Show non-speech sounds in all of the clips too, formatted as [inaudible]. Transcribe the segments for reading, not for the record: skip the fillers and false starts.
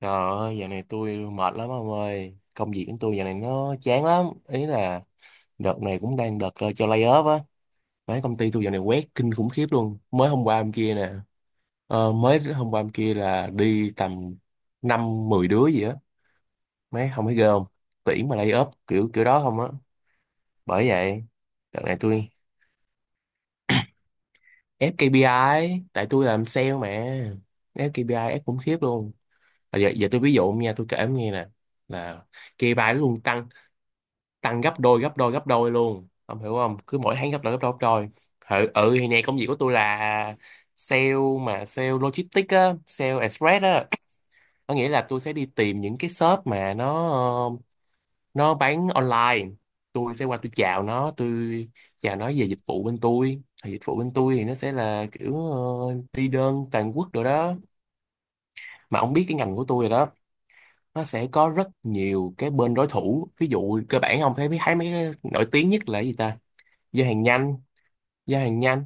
Trời ơi, dạo này tôi mệt lắm ông ơi. Công việc của tôi dạo này nó chán lắm. Ý là đợt này cũng đang đợt cho lay off á. Mấy công ty tôi dạo này quét kinh khủng khiếp luôn. Mới hôm qua hôm kia nè. Mới hôm qua hôm kia là đi tầm 5 10 đứa gì á. Mấy không thấy ghê không? Tuyển mà lay off kiểu kiểu đó không á. Bởi vậy, đợt này tôi ép ca pê I tại tôi làm sale mà. Ép ca pê I ép khủng khiếp luôn. À, giờ giờ tôi ví dụ nha, tôi kể ông nghe nè. Là ca pê I nó luôn tăng tăng gấp đôi gấp đôi gấp đôi luôn. Ông hiểu không? Cứ mỗi tháng gấp đôi gấp đôi gấp đôi. Ừ, ừ thì nè, công việc của tôi là sale, mà sale logistics á, sale express á. Có nghĩa là tôi sẽ đi tìm những cái shop mà nó nó bán online. Tôi sẽ qua tôi chào nó, tôi chào nó về dịch vụ bên tôi, thì dịch vụ bên tôi thì nó sẽ là kiểu đi đơn toàn quốc rồi đó. Mà ông biết cái ngành của tôi rồi đó, nó sẽ có rất nhiều cái bên đối thủ. Ví dụ cơ bản ông thấy thấy mấy cái nổi tiếng nhất là cái gì ta? Giao hàng nhanh. Giao hàng nhanh,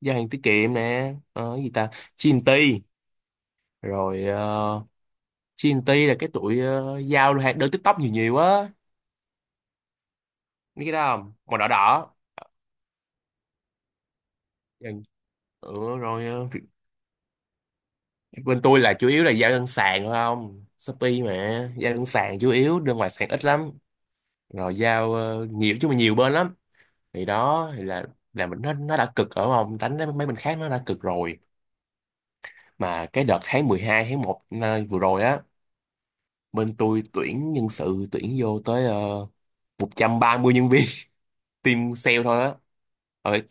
giao hàng tiết kiệm nè, gì ta, G&T. Rồi G&T là cái tụi giao hàng đơn TikTok nhiều nhiều á. Biết cái đó không, màu đỏ đỏ. Dần- ừ, rồi bên tôi là chủ yếu là giao đơn sàn thôi, không Shopee mà. Giao đơn sàn, chủ yếu đơn ngoài sàn ít lắm. Rồi giao nhiều chứ, mà nhiều bên lắm. Thì đó thì là mình nó đã cực, ở không đánh mấy bên khác nó đã cực rồi. Mà cái đợt tháng mười hai, tháng 1 vừa rồi á, bên tôi tuyển nhân sự, tuyển vô tới uh, 130 nhân viên, [laughs] team sale thôi á. Rồi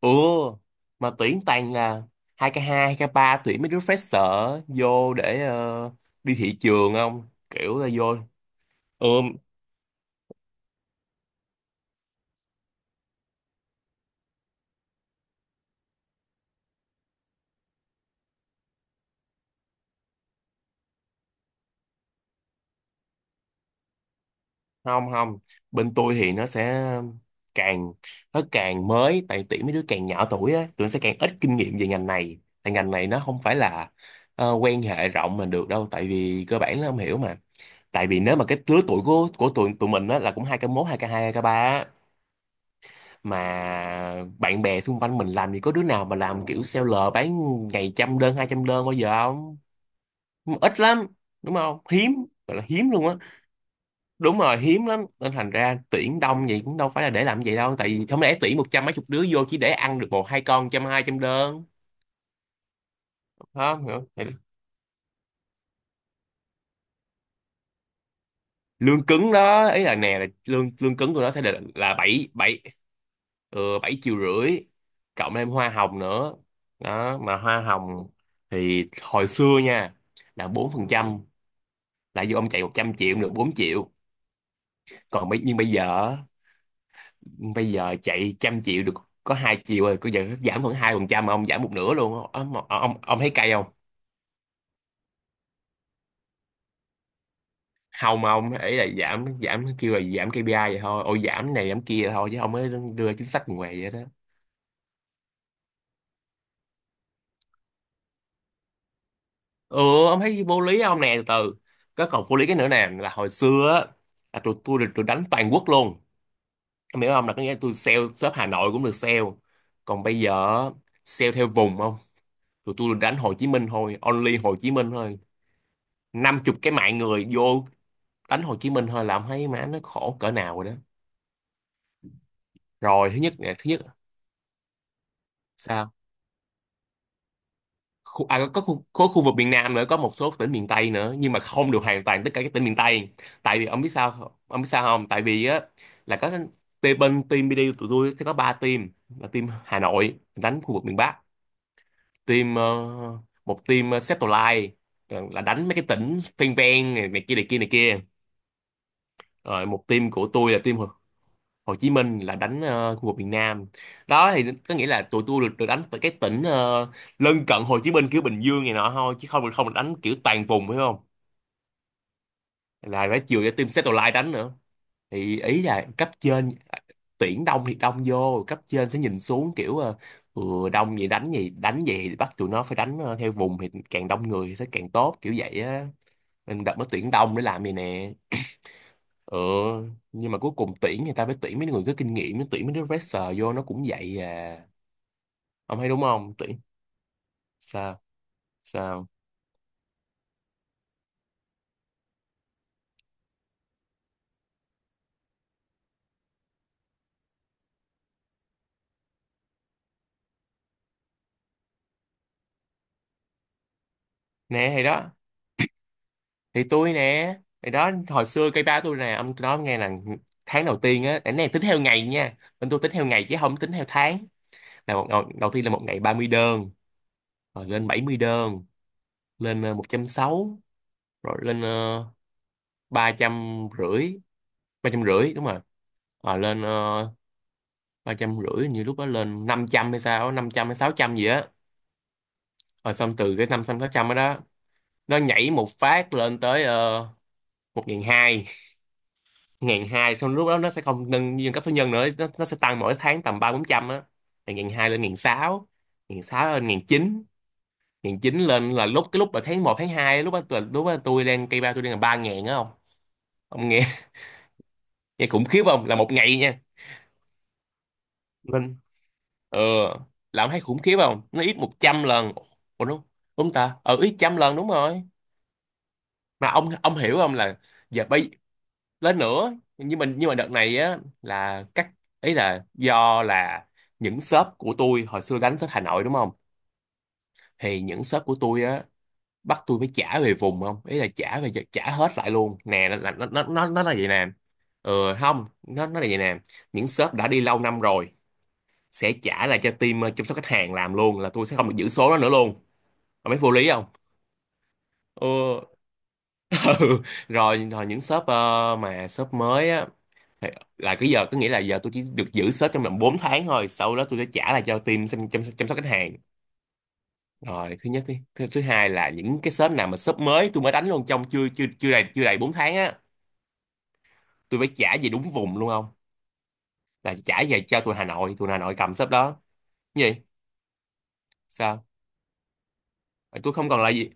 ủa mà tuyển toàn là 2k2, 2k3, tuyển mấy đứa fresher vô để đi thị trường không, kiểu là vô. Ừ, không không, bên tôi thì càng nó càng mới. Tại tuyển mấy đứa càng nhỏ tuổi á, tụi nó sẽ càng ít kinh nghiệm về ngành này. Tại ngành này nó không phải là quan hệ rộng mà được đâu, tại vì cơ bản nó không hiểu mà. Tại vì nếu mà cái lứa tuổi của tụi tụi mình á là cũng hai k mốt, hai k hai, hai k ba á, mà bạn bè xung quanh mình làm gì có đứa nào mà làm kiểu seller bán ngày trăm đơn, hai trăm đơn bao giờ không. Ít lắm, đúng không, hiếm, gọi là hiếm luôn á. Đúng rồi, hiếm lắm, nên thành ra tuyển đông vậy cũng đâu phải là để làm vậy đâu. Tại vì không lẽ tuyển một trăm mấy chục đứa vô chỉ để ăn được một hai con trăm, hai trăm đơn. Không hiểu không? Lương cứng đó, ý là nè, là lương lương cứng của nó sẽ là bảy bảy, 7 triệu rưỡi, cộng thêm hoa hồng nữa. Đó, mà hoa hồng thì hồi xưa nha là 4%. Là vô, ông chạy 100 triệu được 4 triệu. Còn bây nhưng bây giờ á, bây giờ chạy trăm triệu được có 2 triệu rồi. Bây giờ giảm khoảng 2%, mà ông giảm một nửa luôn. Ông thấy cay không? Không, ông ấy là giảm giảm kêu là giảm KPI vậy thôi. Ôi giảm này giảm kia thôi chứ không mới đưa ra chính sách ngoài vậy đó. Ừ, ông thấy vô lý không nè? Từ từ, cái còn vô lý cái nữa nè là hồi xưa á là tụi tôi được tụi đánh toàn quốc luôn. Em hiểu không, là có nghĩa là tôi sale shop Hà Nội cũng được sale. Còn bây giờ á, sale theo vùng không. Tụi tôi được đánh Hồ Chí Minh thôi, only Hồ Chí Minh thôi. 50 cái mạng người vô đánh Hồ Chí Minh thôi là ông thấy má nó khổ cỡ nào rồi đó. Rồi thứ nhất nè, thứ nhất. Sao? Khu, à, có khu, có khu vực miền Nam nữa, có một số tỉnh miền Tây nữa nhưng mà không được hoàn toàn tất cả các tỉnh miền Tây. Tại vì ông biết sao không? Ông biết sao không, tại vì á là có team, bên team BD của tụi tôi sẽ có 3 team. Là team Hà Nội đánh khu vực miền Bắc. Team ờ, một team Satellite, là đánh mấy cái tỉnh ven ven này, này kia này kia này kia. Rồi một team của tôi là team Hồ Chí Minh, là đánh khu vực miền Nam. Đó thì có nghĩa là tụi tôi được đánh từ cái tỉnh lân cận Hồ Chí Minh kiểu Bình Dương này nọ thôi, chứ không không được đánh kiểu toàn vùng phải không. Là phải chiều cho team Satellite đánh nữa. Thì ý là cấp trên tuyển đông thì đông vô, cấp trên sẽ nhìn xuống kiểu ừ, đông vậy đánh gì đánh vậy, thì bắt tụi nó phải đánh theo vùng, thì càng đông người thì sẽ càng tốt kiểu vậy á. Nên đợt nó tuyển đông để làm gì nè. Ừ, nhưng mà cuối cùng tuyển người ta phải tuyển mấy người có kinh nghiệm, mới tuyển mấy đứa fresher vô nó cũng vậy à. Ông thấy đúng không, tuyển? Sao? Sao nè? Thì đó, thì tôi nè, thì đó, hồi xưa cây ba tôi nè, ông tôi nói ông nghe là tháng đầu tiên á, cái này tính theo ngày nha, bên tôi tính theo ngày chứ không tính theo tháng. Là đầu tiên là một ngày 30 đơn, rồi lên 70 đơn, lên 160, rồi lên 350, ba trăm rưỡi đúng rồi. Rồi lên ba trăm rưỡi, như lúc đó lên 500 hay sao, 500 hay 600 gì á. Rồi xong từ cái 500 600 đó đó nó nhảy một phát lên tới một nghìn hai, 1 hai. Xong lúc đó nó sẽ không nâng nhân cấp số nhân nữa, nó sẽ tăng mỗi tháng tầm ba bốn trăm á. Từ 1 hai lên 1 sáu, 1 sáu lên 1 chín, 1 chín lên là lúc cái lúc mà tháng một, tháng hai, lúc đó lúc đó tôi đang cây ba tôi đang là 3000 á. Không, ông nghe [laughs] nghe khủng khiếp không, là một ngày nha. Lên ờ là ông thấy khủng khiếp không, nó ít 100 lần. Ủa đúng, đúng ta, ít trăm lần đúng rồi. Mà ông hiểu không, là giờ bây lên nữa. Nhưng mà đợt này á là các, ý là do là những shop của tôi hồi xưa đánh shop Hà Nội đúng không. Thì những shop của tôi á bắt tôi phải trả về vùng không, ý là trả về, trả hết lại luôn nè. Nó là vậy nè. Ừ không, nó là vậy nè. Những shop đã đi lâu năm rồi sẽ trả lại cho team chăm sóc khách hàng làm luôn, là tôi sẽ không được giữ số đó nữa luôn. Ông mấy vô lý không? Ừ. [laughs] Ừ. Rồi rồi, những shop mà shop mới á. Thì là cái giờ có nghĩa là giờ tôi chỉ được giữ sếp trong vòng 4 tháng thôi, sau đó tôi sẽ trả lại cho team chăm sóc khách hàng. Rồi thứ nhất đi, thứ hai là những cái sếp nào mà sếp mới tôi mới đánh luôn trong chưa chưa chưa đầy chưa đầy 4 tháng á, tôi phải trả về đúng vùng luôn, không là trả về cho tụi Hà Nội, tụi Hà Nội cầm sếp đó. Cái gì? Sao? Ờ, tôi không còn là gì.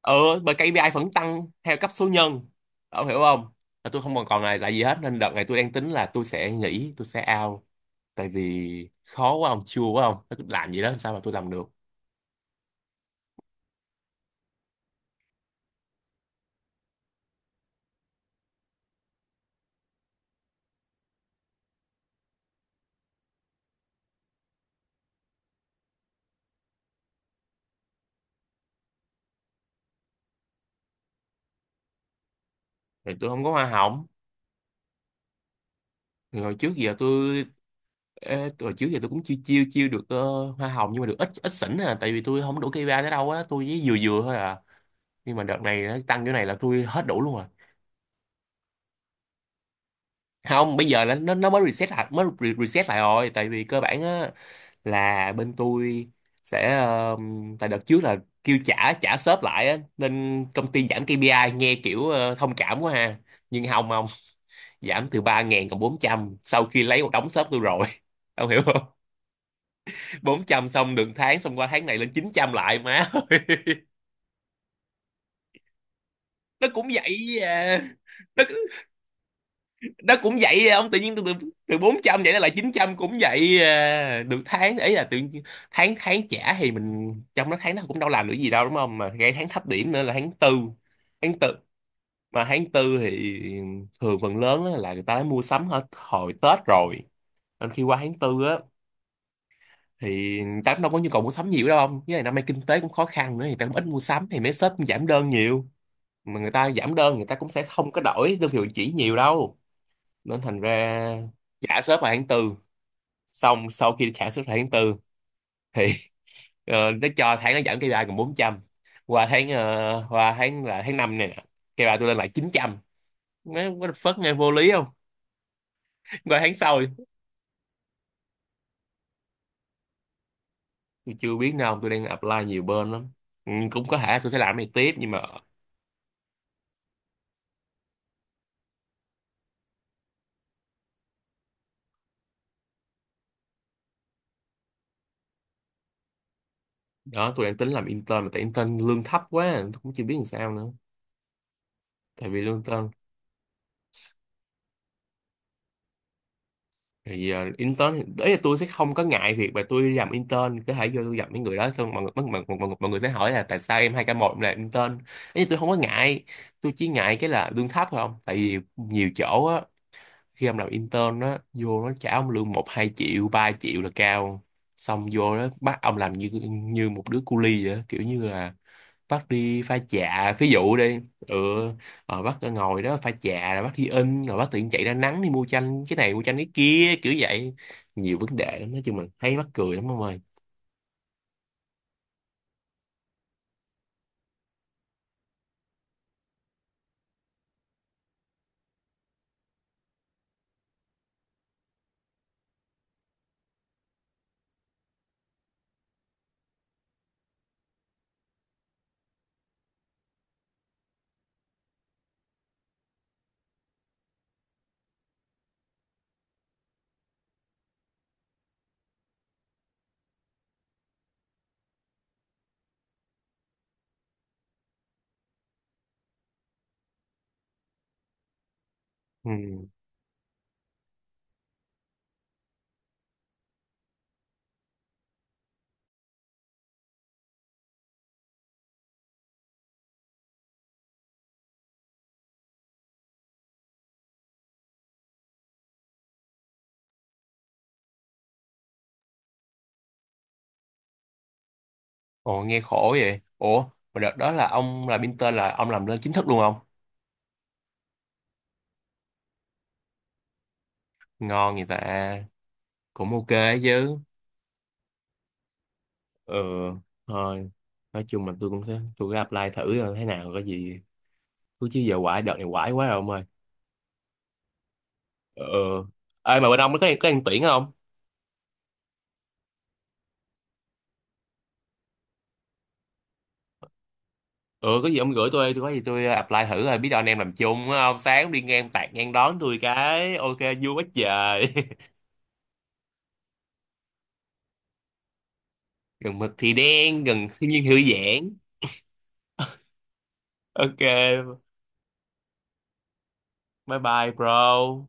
Ờ, bởi KPI vẫn tăng theo cấp số nhân, ông hiểu không? Là tôi không còn còn là gì hết, nên đợt này tôi đang tính là tôi sẽ nghỉ, tôi sẽ out. Tại vì khó quá ông, chua quá ông, làm gì đó làm sao mà tôi làm được. Thì tôi không có hoa hồng. Thì hồi trước giờ tôi, ê, hồi trước giờ tôi cũng chiêu chiêu chiêu được hoa hồng, nhưng mà được ít ít xỉn à, tại vì tôi không đủ cây ba tới đâu á, tôi với vừa vừa thôi à. Nhưng mà đợt này nó tăng chỗ này là tôi hết đủ luôn à. Không, bây giờ là nó mới reset lại, mới reset lại rồi. Tại vì cơ bản á là bên tôi sẽ ờ, tại đợt trước là kêu trả trả shop lại á, nên công ty giảm KPI nghe kiểu ờ, thông cảm quá ha. Nhưng không, không, giảm từ 3.000 còn 400 sau khi lấy một đống shop tôi rồi [laughs] ông hiểu? 400, xong được tháng, xong qua tháng này lên 900 lại má ơi. [laughs] Nó cũng vậy à. nó nó cũng vậy à. Ông tự nhiên từ từ, từ 400 vậy nó lại 900 cũng vậy à. Được tháng ấy là tự nhiên- tháng tháng trả thì mình trong đó tháng nó cũng đâu làm được gì đâu, đúng không, mà ngay tháng thấp điểm nữa là tháng tư. Tháng tư, mà tháng tư thì thường phần lớn á là người ta đã mua sắm hết hồi Tết rồi, nên khi qua tháng tư á thì người ta cũng đâu có nhu cầu mua sắm nhiều đâu, không với lại năm nay kinh tế cũng khó khăn nữa, thì người ta cũng ít mua sắm, thì mấy shop cũng giảm đơn nhiều. Mà người ta giảm đơn, người ta cũng sẽ không có đổi đơn vị chỉ nhiều đâu, nên thành ra trả ship vào tháng tư, xong sau khi trả ship vào tháng tư thì [laughs] ờ, nó cho tháng nó giảm KPI còn 400. Qua tháng là tháng 5 này nè, KPI tôi lên lại 900. Nó what the fuck, nghe vô lý không? Qua tháng sau tôi chưa biết nào, tôi đang apply nhiều bên lắm. Ừ, cũng có thể tôi sẽ làm cái này tiếp nhưng mà đó, tôi đang tính làm intern, mà tại intern lương thấp quá tôi cũng chưa biết làm sao nữa. Tại vì lương intern thì intern đấy là tôi sẽ không có ngại việc, mà tôi đi làm intern có thể vô tôi gặp mấy người đó, xong mọi người mọi người sẽ hỏi là tại sao em 2k1 làm intern ấy. Tôi không có ngại, tôi chỉ ngại cái là lương thấp thôi. Không, tại vì nhiều chỗ á, khi em làm intern á, vô nó trả ông lương 1 2 triệu 3 triệu là cao, xong vô đó bắt ông làm như như một đứa cu li vậy á. Kiểu như là bác đi pha chạ ví dụ đi, ừ, rồi bác ngồi đó pha chạ, rồi bác đi in, rồi bác tự nhiên chạy ra nắng đi mua chanh cái này, mua chanh cái kia kiểu vậy. Nhiều vấn đề lắm, nói chung là thấy mắc cười lắm ông ơi. Ừ. Ồ nghe khổ vậy. Ủa mà đợt đó là ông là Pinter là ông làm lên chính thức luôn không? Ngon vậy ta. Cũng ok chứ. Ừ, thôi, nói chung là tôi cũng sẽ, tôi cứ apply thử rồi thế nào có gì cứ, chứ giờ quải đợt này quải quá rồi ông ơi. Ừ, ê mà bên ông có đang tuyển không? Ừ, có gì ông gửi tôi có gì tôi à, apply thử rồi biết đâu anh em làm chung á, ông sáng đi ngang tạt ngang đón tôi cái ok, vui quá trời. [laughs] Gần mực thì đen, gần thiên nhiên hữu giãn. Ok, bye bye bro.